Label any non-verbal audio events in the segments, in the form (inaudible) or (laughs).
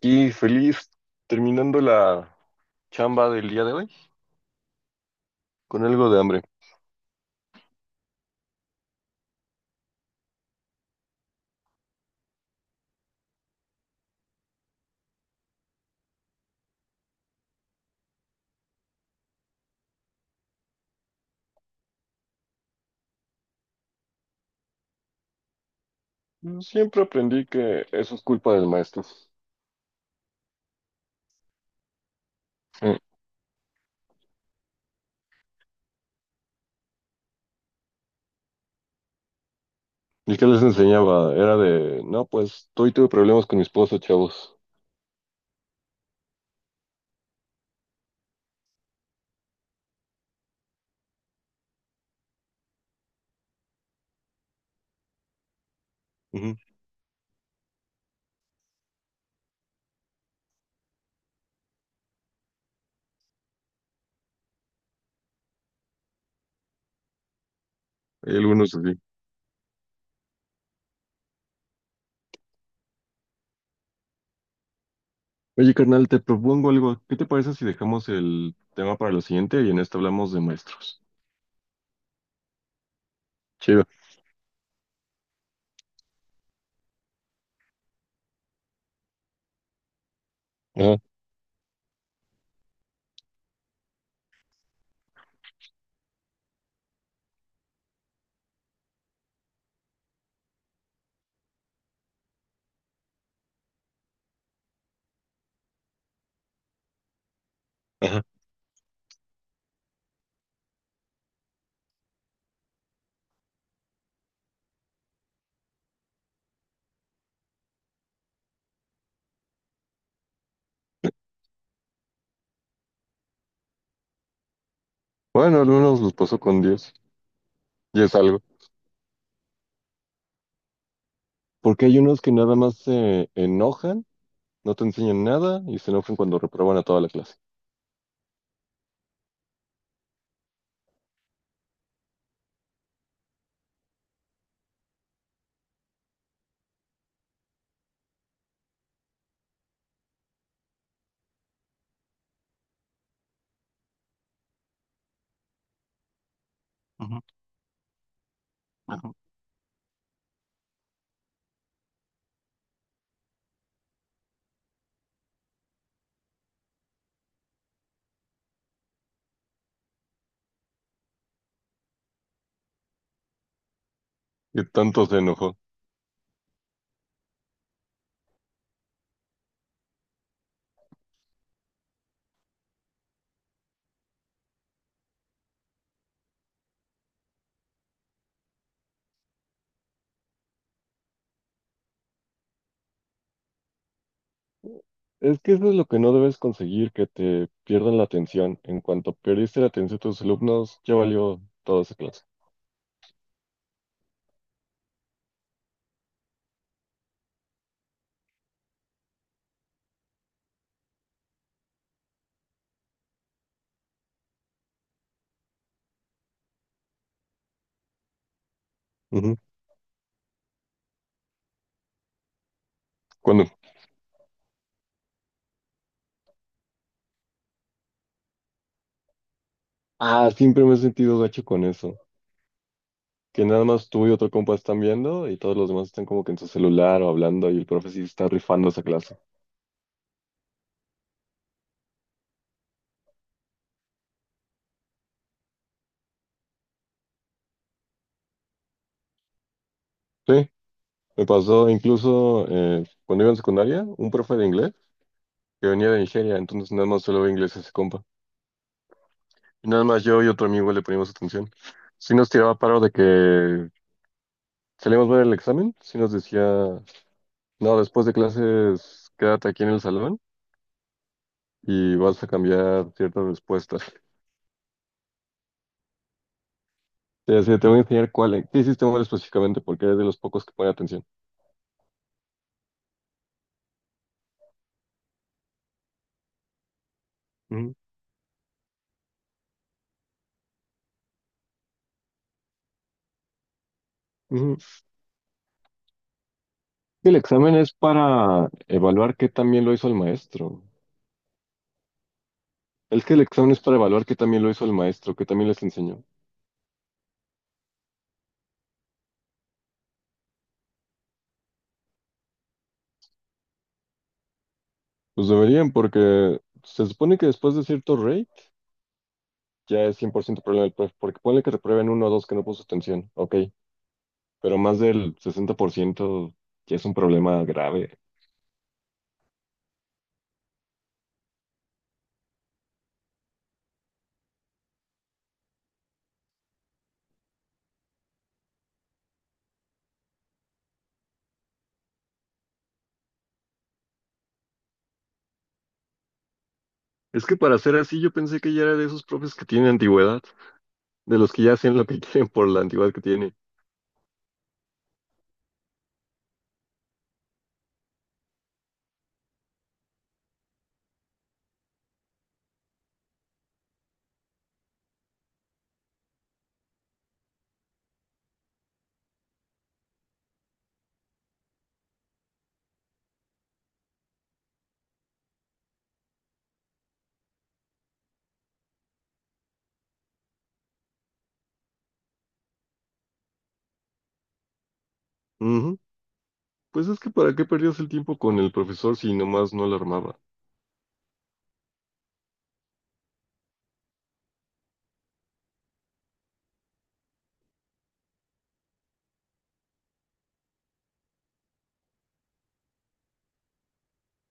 Y feliz terminando la chamba del día de hoy con algo de hambre. Siempre aprendí que eso es culpa del maestro. Mm. ¿Y qué les enseñaba? Era de, no, pues hoy tuve problemas con mi esposo, chavos. Ujú. Hay algunos así. Oye, carnal, te propongo algo. ¿Qué te parece si dejamos el tema para lo siguiente y en este hablamos de maestros? Chido. Ajá, ajá. Bueno, algunos los pasó con Dios y es algo. Porque hay unos que nada más se enojan, no te enseñan nada y se enojan cuando reprueban a toda la clase. Ujú. Que tanto se enojó. Es que eso es lo que no debes conseguir, que te pierdan la atención. En cuanto perdiste la atención de tus alumnos, ya valió toda esa clase. Ujú. Cuando, ah, siempre me he sentido gacho con eso. Que nada más tú y otro compa están viendo y todos los demás están como que en su celular o hablando y el profe sí está rifando esa clase. Sí, me pasó incluso cuando iba en secundaria, un profe de inglés que venía de Nigeria, entonces nada más solo ve inglés ese compa. Y nada más yo y otro amigo le poníamos atención. Sí nos tiraba paro de que salíamos ver el examen, sí nos decía, no, después de clases quédate aquí en el salón y vas a cambiar ciertas respuestas. (laughs) Te decía, "Sí, te voy a enseñar cuál, qué hiciste mal específicamente porque eres de los pocos que pone atención." Ujú, ujú. El examen es para evaluar qué también lo hizo el maestro. Es que el examen es para evaluar qué también lo hizo el maestro, que también les enseñó. Pues deberían porque se supone que después de cierto rate ya es 100% problema del profe, porque ponle que reprueben uno o dos que no puso atención, ok, pero más del 60% ya es un problema grave. Es que para ser así yo pensé que ya era de esos profes que tienen antigüedad, de los que ya hacen lo que (laughs) quieren por la antigüedad que tiene. Ujú. Pues es que para qué perdías el tiempo con el profesor si nomás no lo armaba.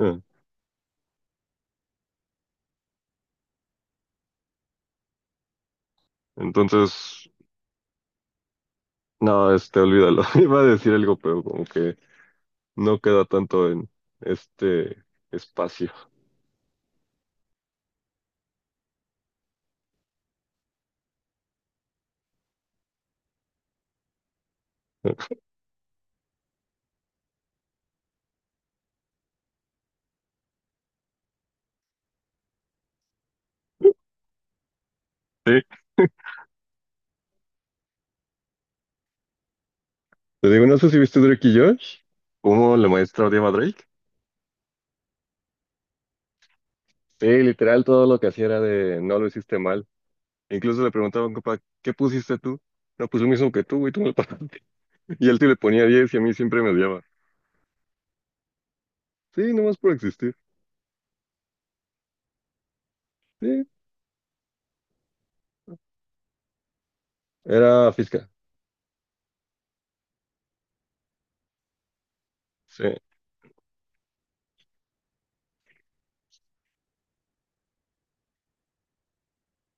Ah, entonces, no, olvídalo. (laughs) Iba a decir algo, pero como que no queda tanto en este espacio. Sí, te digo, no sé si viste Drake y Josh, cómo la maestra odiaba a Drake. Sí, literal, todo lo que hacía era de no lo hiciste mal. Incluso le preguntaba a un compa, ¿qué pusiste tú? No, pues lo mismo que tú, güey, tú me lo pasaste. (laughs) Y él sí le ponía 10 y a mí siempre me odiaba. Sí, nomás por existir. Sí, era física. Sí,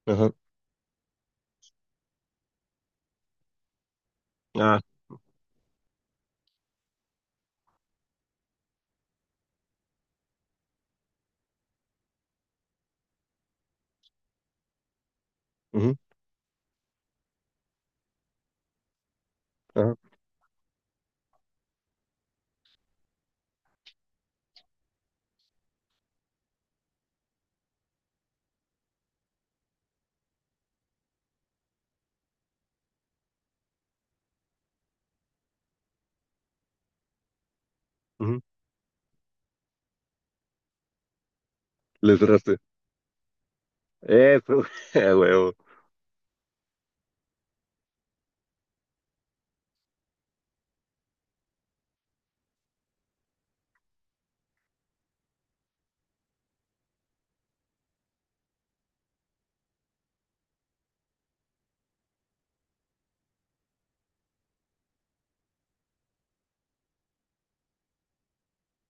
ajá, ah, ujú, ajá, ujú. Le cerraste. Eso, (laughs) a huevo.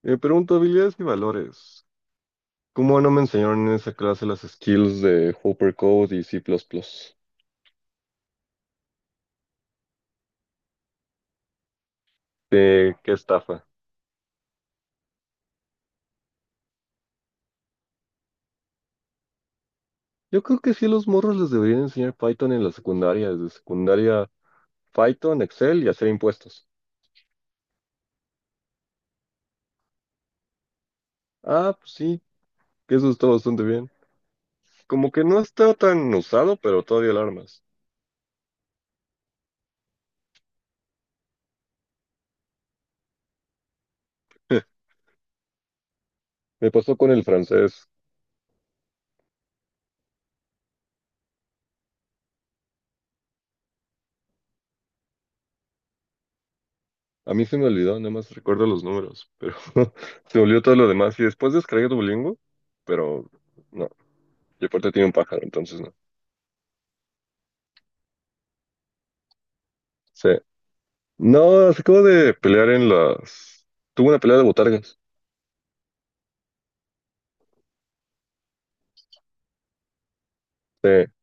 Me pregunto habilidades y valores. ¿Cómo no me enseñaron en esa clase las skills de Hopper Code y C++? ¿De qué estafa? Yo creo que sí a los morros les deberían enseñar Python en la secundaria, desde secundaria Python, Excel y hacer impuestos. Ah, pues sí, que eso está bastante bien. Como que no está tan usado, pero todavía alarmas. (laughs) Me pasó con el francés. A mí se me olvidó, nada más recuerdo los números, pero (laughs) se olvidó todo lo demás. Y después descargué Duolingo, pero no. Yo aparte tiene un pájaro, entonces no. Sí. No, se acabó de pelear en las... Tuvo una pelea de botargas. Sí.